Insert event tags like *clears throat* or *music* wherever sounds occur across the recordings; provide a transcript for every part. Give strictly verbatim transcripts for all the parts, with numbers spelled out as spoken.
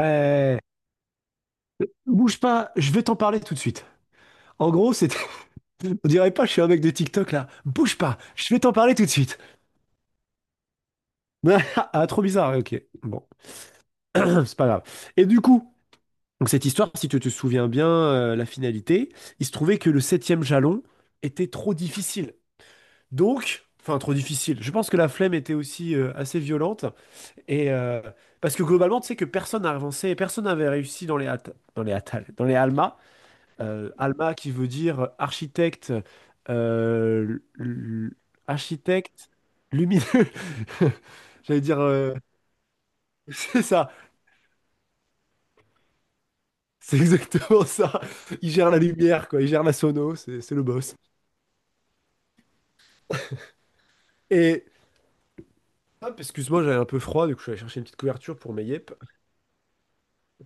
Ouais, bouge pas, je vais t'en parler tout de suite. En gros, c'était. *laughs* On dirait pas, je suis un mec de TikTok là. Bouge pas, je vais t'en parler tout de suite. *laughs* Ah, trop bizarre, ouais, ok. Bon, *clears throat* c'est pas grave. Et du coup, donc cette histoire, si tu te souviens bien, euh, la finalité, il se trouvait que le septième jalon était trop difficile. Donc, enfin, trop difficile. Je pense que la flemme était aussi euh, assez violente. Et euh, parce que globalement, tu sais que personne n'a avancé, personne n'avait réussi dans les, Atta- dans les Atal, dans les Alma. Euh, Alma qui veut dire architecte, euh, l- l- architecte lumineux. *laughs* J'allais dire, euh, *laughs* c'est ça, c'est exactement ça. Il gère la lumière, quoi. Il gère la sono, c'est c'est le boss. Et hop, excuse-moi, j'avais un peu froid, du coup je suis allé chercher une petite couverture pour mes yep.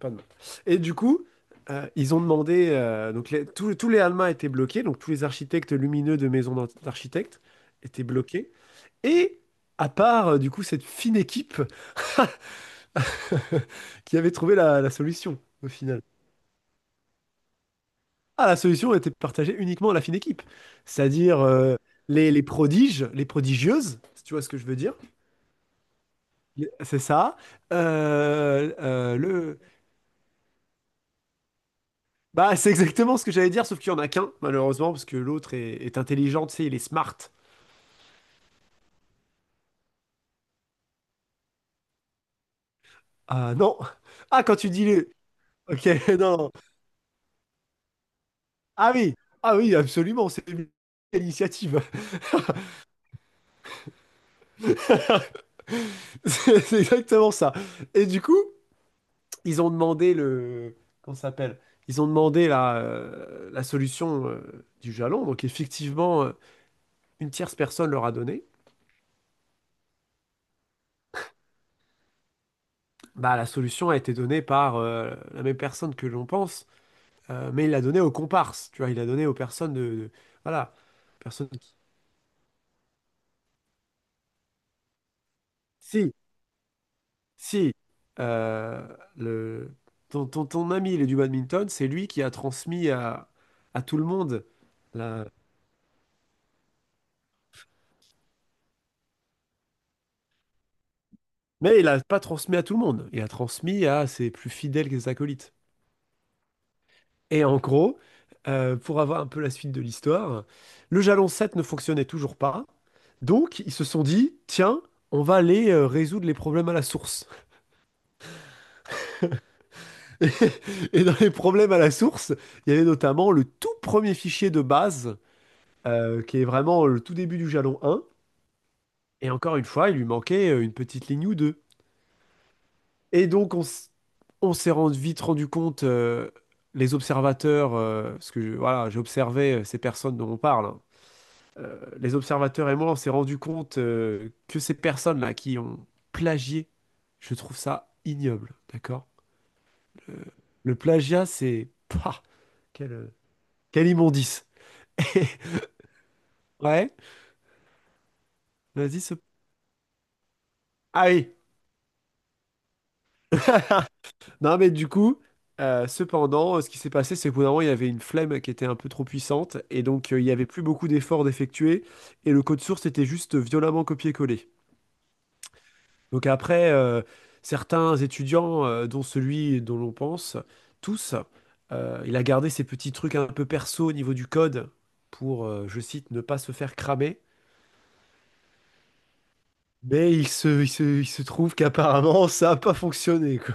Pas de mal. Et du coup, euh, ils ont demandé, euh, donc les- tous, tous les Alma étaient bloqués, donc tous les architectes lumineux de maisons d'architectes étaient bloqués. Et à part, euh, du coup, cette fine équipe. *laughs* qui avait trouvé la, la solution au final. Ah, la solution était partagée uniquement à la fine équipe, c'est-à-dire euh, les, les prodiges, les prodigieuses, si tu vois ce que je veux dire. Les- C'est ça. Euh, euh, le... Bah, c'est exactement ce que j'allais dire, sauf qu'il y en a qu'un, malheureusement, parce que l'autre est, est intelligent, tu sais, il est smart. Ah non. Ah, quand tu dis le... Ok, *laughs* non, non. Ah oui, ah oui, absolument, c'est une initiative. *laughs* C'est c'est exactement ça. Et du coup, ils ont demandé le... Comment ça s'appelle? Ils ont demandé la, euh, la solution euh, du jalon. Donc effectivement, euh, une tierce personne leur a donné. Bah, la solution a été donnée par euh, la même personne que l'on pense, euh, mais il l'a donnée aux comparses. Tu vois, il l'a donnée aux personnes de... de- voilà. Personnes qui... Si, si. euh, le... ton, ton, ton ami, il est du badminton, c'est lui qui a transmis à, à tout le monde la... Mais il n'a pas transmis à tout le monde. Il a transmis à ses plus fidèles acolytes. Et en gros, euh, pour avoir un peu la suite de l'histoire, le jalon sept ne fonctionnait toujours pas. Donc, ils se sont dit, tiens, on va aller euh, résoudre les problèmes à la source. *laughs* Et, et dans les problèmes à la source, il y avait notamment le tout premier fichier de base, euh, qui est vraiment le tout début du jalon un. Et encore une fois, il lui manquait euh, une petite ligne ou deux. Et donc, on, s- on s'est rendu- vite rendu compte, euh, les observateurs, euh, parce que je- voilà, j'ai observé euh, ces personnes dont on parle, hein, euh, les observateurs et moi, on s'est rendu compte euh, que ces personnes-là qui ont plagié, je trouve ça ignoble, d'accord? Le, le plagiat, c'est... Pah, quelle, quelle immondice. *laughs* Ouais, vas-y, ce... Ah oui, non mais du coup, euh, cependant, euh, ce qui s'est passé, c'est qu'au bout d'un moment, il y avait une flemme qui était un peu trop puissante, et donc euh, il n'y avait plus beaucoup d'efforts d'effectuer, et le code source était juste violemment copié-collé. Donc après, euh, certains étudiants, euh, dont celui dont l'on pense, tous, euh, il a gardé ces petits trucs un peu perso au niveau du code pour, euh, je cite, ne pas se faire cramer. Mais il se, il se, il se trouve qu'apparemment, *laughs* ça n'a pas fonctionné, quoi.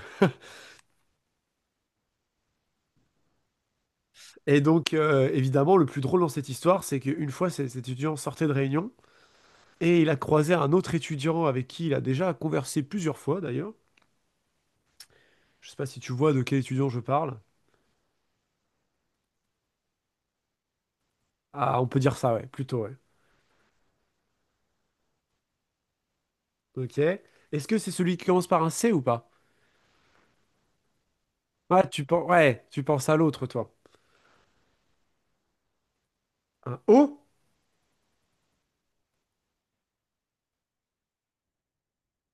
Et donc, euh, évidemment, le plus drôle dans cette histoire, c'est qu'une fois, cet cet étudiant sortait de réunion et il a croisé un autre étudiant avec qui il a déjà conversé plusieurs fois, d'ailleurs. Je sais pas si tu vois de quel étudiant je parle. Ah, on peut dire ça, ouais, plutôt, ouais. Ok. Est-ce que c'est celui qui commence par un C ou pas? Ah, tu penses, ouais, tu penses à l'autre, toi. Un O?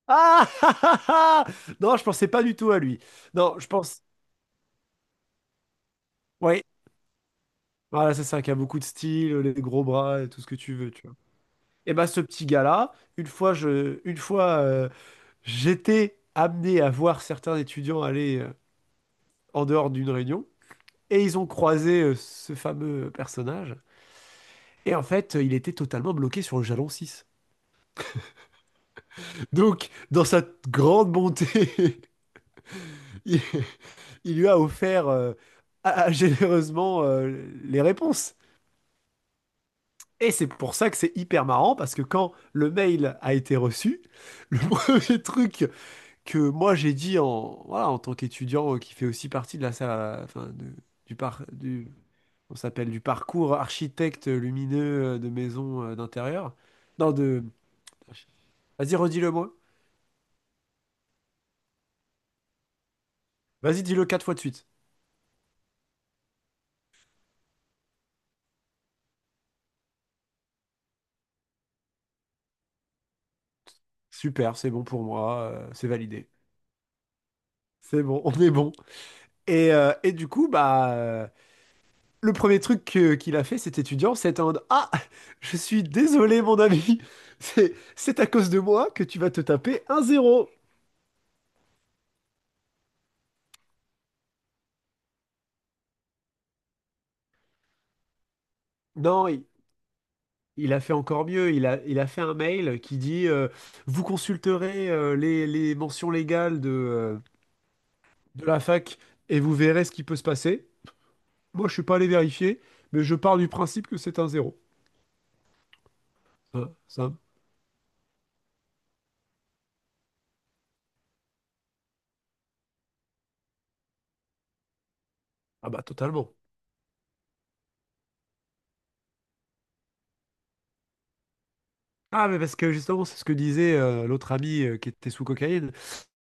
Ah! *laughs* Non, je pensais pas du tout à lui. Non, je pense. Oui. Voilà, c'est ça, qui a beaucoup de style, les gros bras, et tout ce que tu veux, tu vois. Et ben, ce petit gars-là, une fois, je, une fois, euh, j'étais amené à voir certains étudiants aller euh, en dehors d'une réunion, et ils ont croisé euh, ce fameux personnage. Et en fait, il était totalement bloqué sur le jalon six. Donc, dans sa grande bonté, *laughs* il, il lui a offert euh, à- à- généreusement euh, les réponses. Et c'est pour ça que c'est hyper marrant, parce que quand le mail a été reçu, le *laughs* premier truc que moi j'ai dit en, voilà, en tant qu'étudiant euh, qui fait aussi partie de la salle, enfin, de- du par, du, on s'appelle du parcours architecte lumineux euh, de maison euh, d'intérieur. Non, de... Vas-y, redis-le moi. Vas-y, dis-le quatre fois de suite. Super, c'est bon pour moi, euh, c'est validé. C'est bon, on est bon. Et, euh, et du coup, bah, euh, le premier truc que- qu'il a fait, cet étudiant, c'est en mode Ah, je suis désolé, mon ami, *laughs* c'est c'est à cause de moi que tu vas te taper un zéro. Non, il, il a fait encore mieux. Il a, il a fait un mail qui dit euh, Vous consulterez euh, les, les mentions légales de, euh, de la fac et vous verrez ce qui peut se passer. Moi, je suis pas allé vérifier, mais je pars du principe que c'est un zéro. Hein, ça, ah bah, totalement. Ah, mais parce que justement, c'est ce que disait euh, l'autre ami euh, qui était sous cocaïne,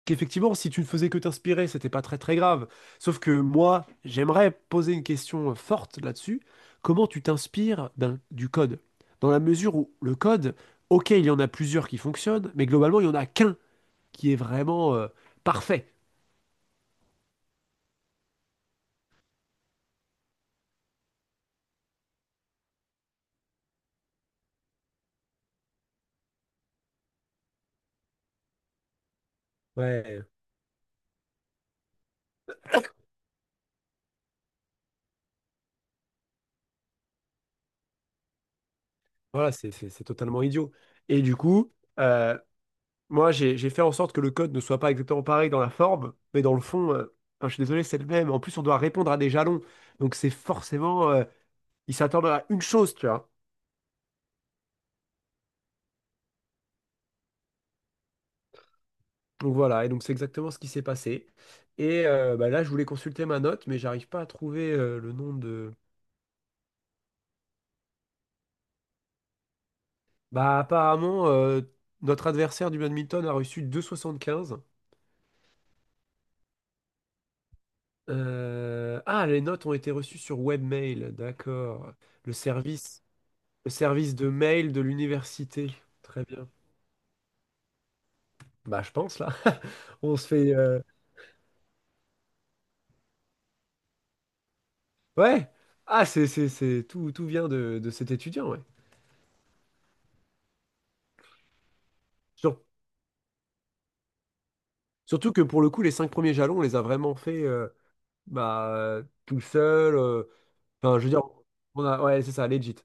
qu'effectivement, si tu ne faisais que t'inspirer, c'était pas très très grave. Sauf que moi, j'aimerais poser une question euh, forte là-dessus. Comment tu t'inspires d'un- du code? Dans la mesure où le code, ok, il y en a plusieurs qui fonctionnent, mais globalement, il y en a qu'un qui est vraiment euh, parfait. Ouais, voilà, c'est c'est- c'est totalement idiot. Et du coup, euh, Moi, j'ai j'ai fait en sorte que le code ne soit pas exactement pareil dans la forme, mais dans le fond, euh, enfin, je suis désolé, c'est le même. En plus, on doit répondre à des jalons. Donc, c'est forcément, euh, ils s'attendent à une chose, tu vois. Donc, voilà. Et donc, c'est exactement ce qui s'est passé. Et euh, bah, là, je voulais consulter ma note, mais j'arrive pas à trouver euh, le nom de. Bah, apparemment, euh, notre adversaire du badminton a reçu deux virgule soixante-quinze. Euh, Ah, les notes ont été reçues sur webmail. D'accord. Le service, le service de mail de l'université. Très bien. Bah, je pense, là. *laughs* On se fait... euh, Ouais. Ah, c'est, c'est, c'est... Tout, tout, vient de, de cet étudiant, ouais. Sur- Surtout que, pour le coup, les cinq premiers jalons, on les a vraiment fait euh, bah, euh, tout seul, euh, enfin, je veux dire, on a... Ouais, c'est ça, legit.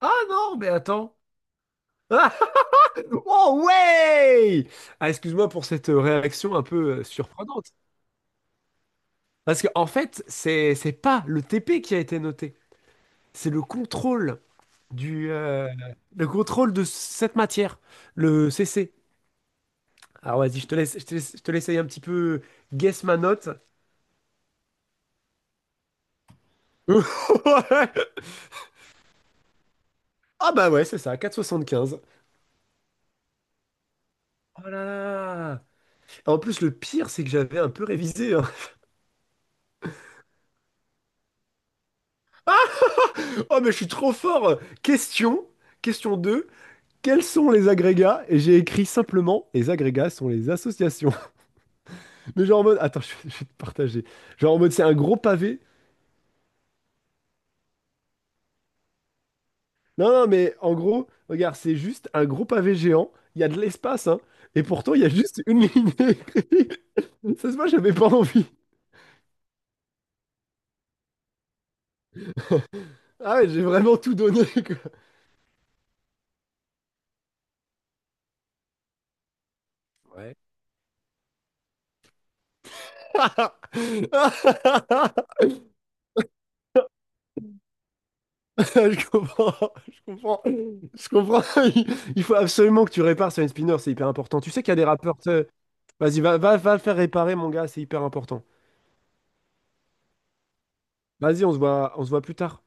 Ah non, mais attends. Ah *laughs* oh, ouais! Ah, excuse-moi pour cette euh, réaction un peu euh, surprenante. Parce que, en fait, c'est, c'est pas le T P qui a été noté. C'est le contrôle du... euh, Le contrôle de cette matière. Le C C. Alors vas-y, je te laisse, je te laisse, je te laisse aller un petit peu guess ma note. *laughs* Ah bah ouais, c'est ça, quatre virgule soixante-quinze. Oh là là! En plus, le pire, c'est que j'avais un peu révisé, hein. Oh mais je suis trop fort! Question, question deux. Quels sont les agrégats? Et j'ai écrit simplement, les agrégats sont les associations. *laughs* Mais genre en mode, attends, je, je vais te partager. Genre en mode, c'est un gros pavé. Non, non, mais en gros, regarde, c'est juste un gros pavé géant. Il y a de l'espace, hein. Et pourtant, il y a juste une ligne écrite. *laughs* Ça se voit, j'avais pas envie. Ah ouais, j'ai vraiment tout donné, quoi. Ouais. *laughs* Je comprends, je comprends, je comprends. *laughs* Il il faut absolument que tu répares sur une spinner, c'est hyper important. Tu sais qu'il y a des rappeurs, tu sais. Vas-y, va, va, va le faire réparer, mon gars, c'est hyper important. Vas-y, on se voit, on se voit plus tard.